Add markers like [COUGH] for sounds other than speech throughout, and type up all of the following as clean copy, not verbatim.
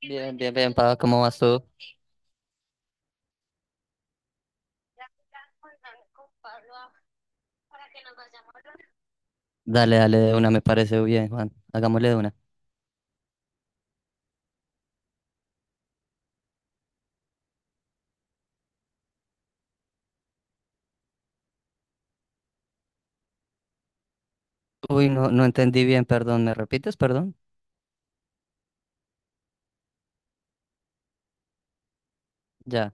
Bien, bien, bien, Pablo, ¿cómo vas tú? Dale, dale de una, me parece bien, Juan. Hagámosle de una. Uy, no, no entendí bien, perdón. ¿Me repites, perdón? Ya.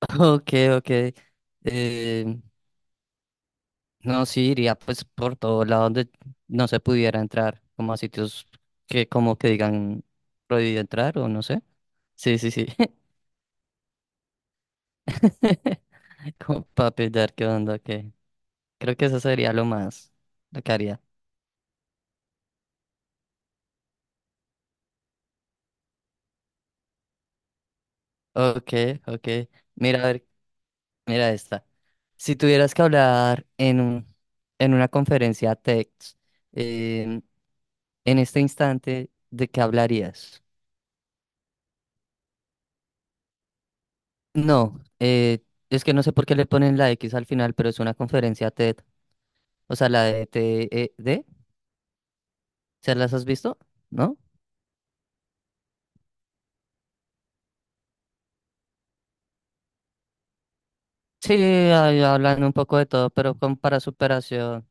[LAUGHS] Ok, ok. Eh, no, sí, iría pues por todo lado donde no se pudiera entrar, como a sitios que como que digan prohibido entrar o no sé. Sí, sí, sí. [LAUGHS] Como para pillar qué onda, ok. Creo que eso sería lo más, lo que haría. Ok, ok. Mira, a ver. Mira esta. Si tuvieras que hablar en una conferencia TED, em, en este instante, ¿de qué hablarías? No, es que no sé por qué le ponen la X al final, pero es una conferencia TED. O sea, la de TED. ¿Se las has visto? ¿No? Sí, ahí hablan un poco de todo, pero con para superación.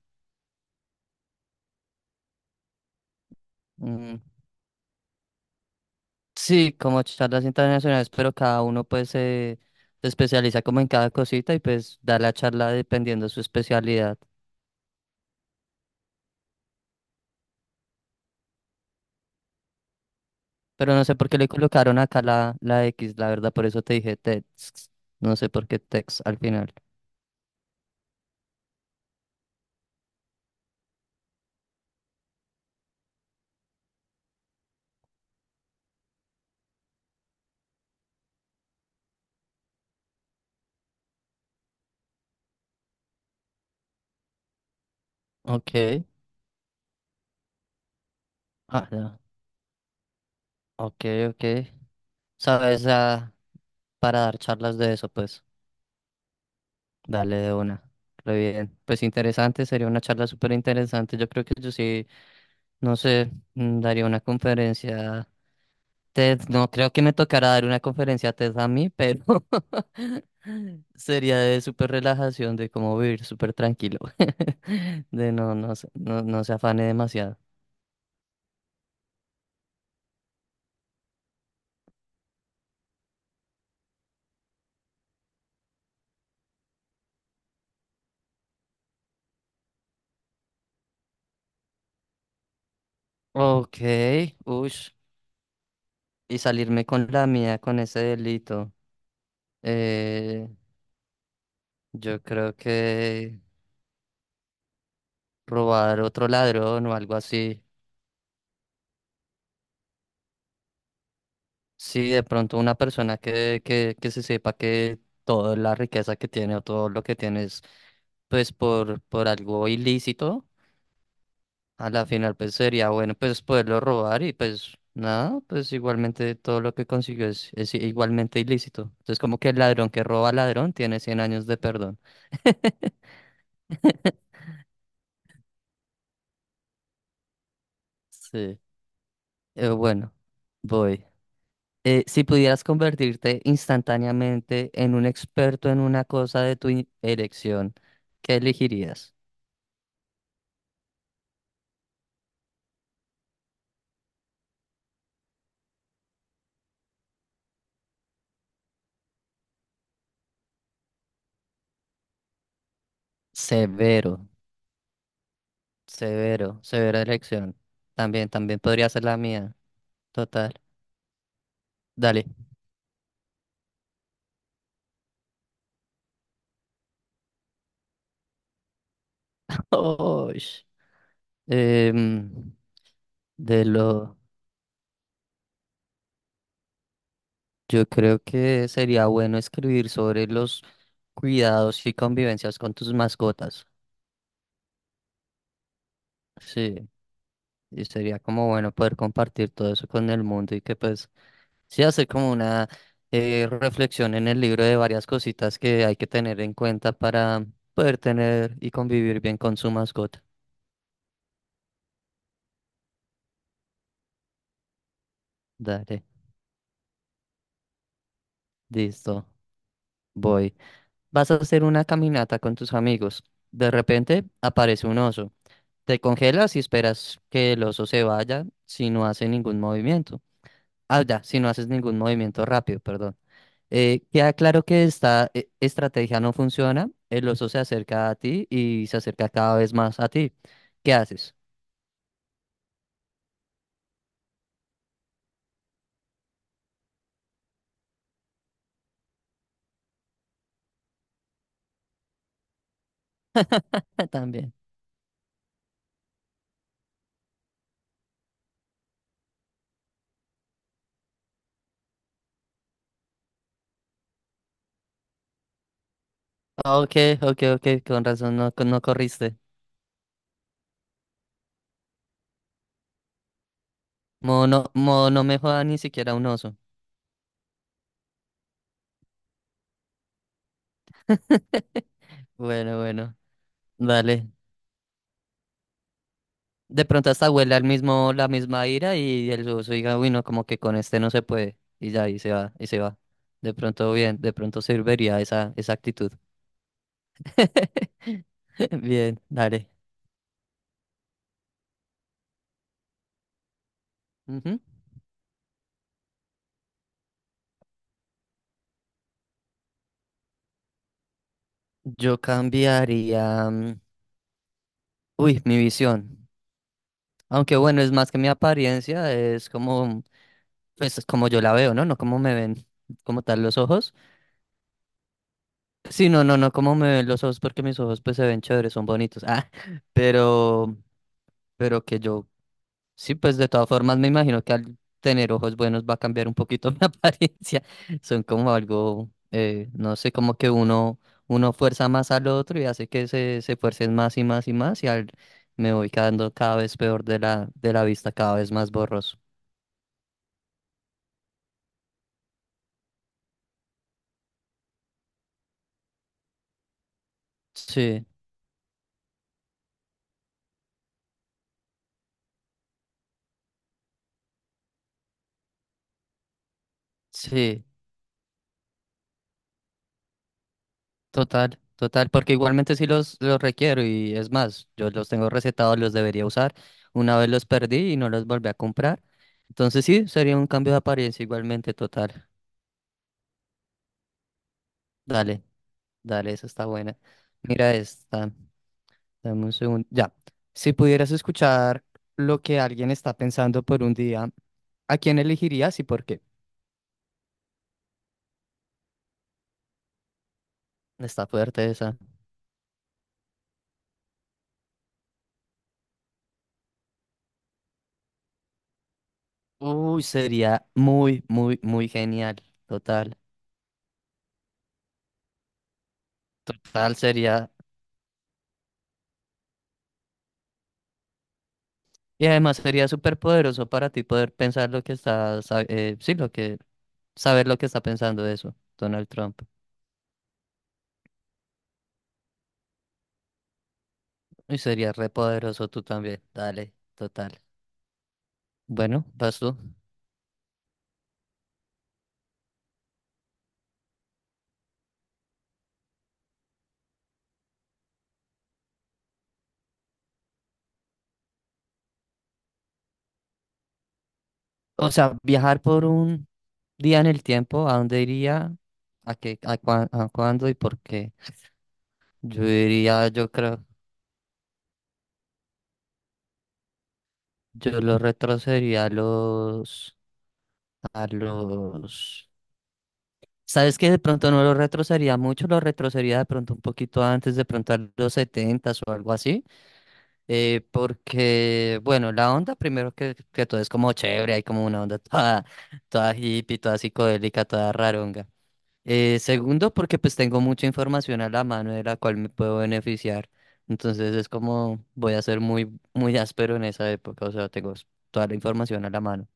mm, sí, como charlas internacionales, pero cada uno pues se especializa como en cada cosita y pues da la charla dependiendo de su especialidad. Pero no sé por qué le colocaron acá la X, la verdad, por eso te dije Tex. No sé por qué Tex al final. Ok. Ah, ya. Ok, ok. Sabes, para dar charlas de eso, pues, dale de una. Re bien. Pues interesante, sería una charla súper interesante. Yo creo que yo sí, no sé, daría una conferencia TED, no creo que me tocará dar una conferencia a TED a mí, pero [LAUGHS] sería de súper relajación, de cómo vivir súper tranquilo, [LAUGHS] de no, no, no, no se afane demasiado. Ok, ush, y salirme con la mía con ese delito. Eh, yo creo que robar otro ladrón o algo así. Sí, de pronto una persona que se sepa que toda la riqueza que tiene o todo lo que tiene es pues por algo ilícito, a la final pues sería bueno pues poderlo robar y pues nada, pues igualmente todo lo que consiguió es igualmente ilícito. Entonces como que el ladrón que roba al ladrón tiene 100 años de perdón. Sí. Bueno, voy. Si pudieras convertirte instantáneamente en un experto en una cosa de tu elección, ¿qué elegirías? Severo, severo, severa elección. También, también podría ser la mía. Total. Dale. [LAUGHS] Oy. Em, de lo, yo creo que sería bueno escribir sobre los cuidados y convivencias con tus mascotas. Sí, y sería como bueno poder compartir todo eso con el mundo y que pues sí hacer como una reflexión en el libro de varias cositas que hay que tener en cuenta para poder tener y convivir bien con su mascota. Dale. Listo, voy. Vas a hacer una caminata con tus amigos. De repente aparece un oso. Te congelas y esperas que el oso se vaya si no hace ningún movimiento. Ah, ya, si no haces ningún movimiento rápido, perdón. Queda claro que esta estrategia no funciona. El oso se acerca a ti y se acerca cada vez más a ti. ¿Qué haces? [LAUGHS] También. Ok, ok, ok, con razón no, no corriste. Modo no me joda ni siquiera un oso. Bueno, bueno. Dale. De pronto hasta huele al mismo, la misma ira y el oso diga, uy, no, como que con este no se puede. Y ya, y se va, y se va. De pronto, bien, de pronto serviría esa, esa actitud. [LAUGHS] Bien, dale. Ujú. Yo cambiaría, uy, mi visión. Aunque bueno, es más que mi apariencia, es como, pues es como yo la veo, ¿no? No como me ven como tal los ojos. Sí, no, no, no como me ven los ojos porque mis ojos pues se ven chéveres, son bonitos. Ah, [LAUGHS] pero, pero que yo. Sí, pues de todas formas me imagino que al tener ojos buenos va a cambiar un poquito [LAUGHS] mi apariencia. Son como algo, no sé, como que uno, uno fuerza más al otro y hace que se fuercen más y más y más me voy quedando cada vez peor de de la vista, cada vez más borroso. Sí, sí, total, total, porque igualmente sí los requiero y es más, yo los tengo recetados, los debería usar. Una vez los perdí y no los volví a comprar. Entonces sí, sería un cambio de apariencia igualmente total. Dale. Dale, esa está buena. Mira esta. Dame un segundo. Ya. Si pudieras escuchar lo que alguien está pensando por un día, ¿a quién elegirías y por qué? Está fuerte esa. Uy, sería muy, muy, muy genial. Total. Total sería. Y además sería súper poderoso para ti poder pensar lo que sí, lo que, saber lo que está pensando eso, Donald Trump. Y sería re poderoso tú también. Dale, total. Bueno, vas tú. O sea, viajar por un día en el tiempo, ¿a dónde iría? ¿A cuándo y por qué? Yo iría, yo creo, yo lo retrocedería a los, ¿sabes qué? De pronto no lo retrocedería mucho, lo retrocedería de pronto un poquito antes, de pronto a los setentas o algo así, porque, bueno, la onda primero que todo es como chévere, hay como una onda toda, toda hippie, toda psicodélica, toda raronga. Segundo, porque pues tengo mucha información a la mano de la cual me puedo beneficiar. Entonces es como voy a ser muy, muy áspero en esa época, o sea, toda la información a la mano.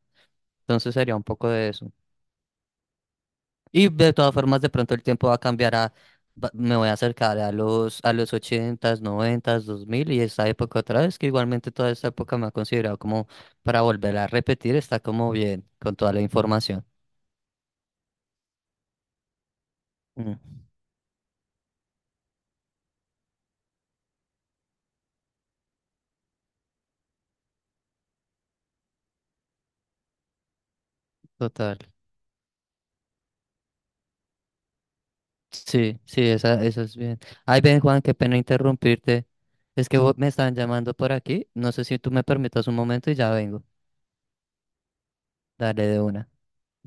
Entonces sería un poco de eso. Y de todas formas, de pronto el tiempo va a cambiar a, me voy a acercar a los ochentas noventas 2000 y esa época otra vez, que igualmente toda esta época me ha considerado como para volver a repetir, está como bien con toda la información. Mm, Total. Sí, sí, esa, eso es bien. Ay, ven, Juan, qué pena interrumpirte. Es que vos me están llamando por aquí. No sé si tú me permitas un momento y ya vengo. Dale de una.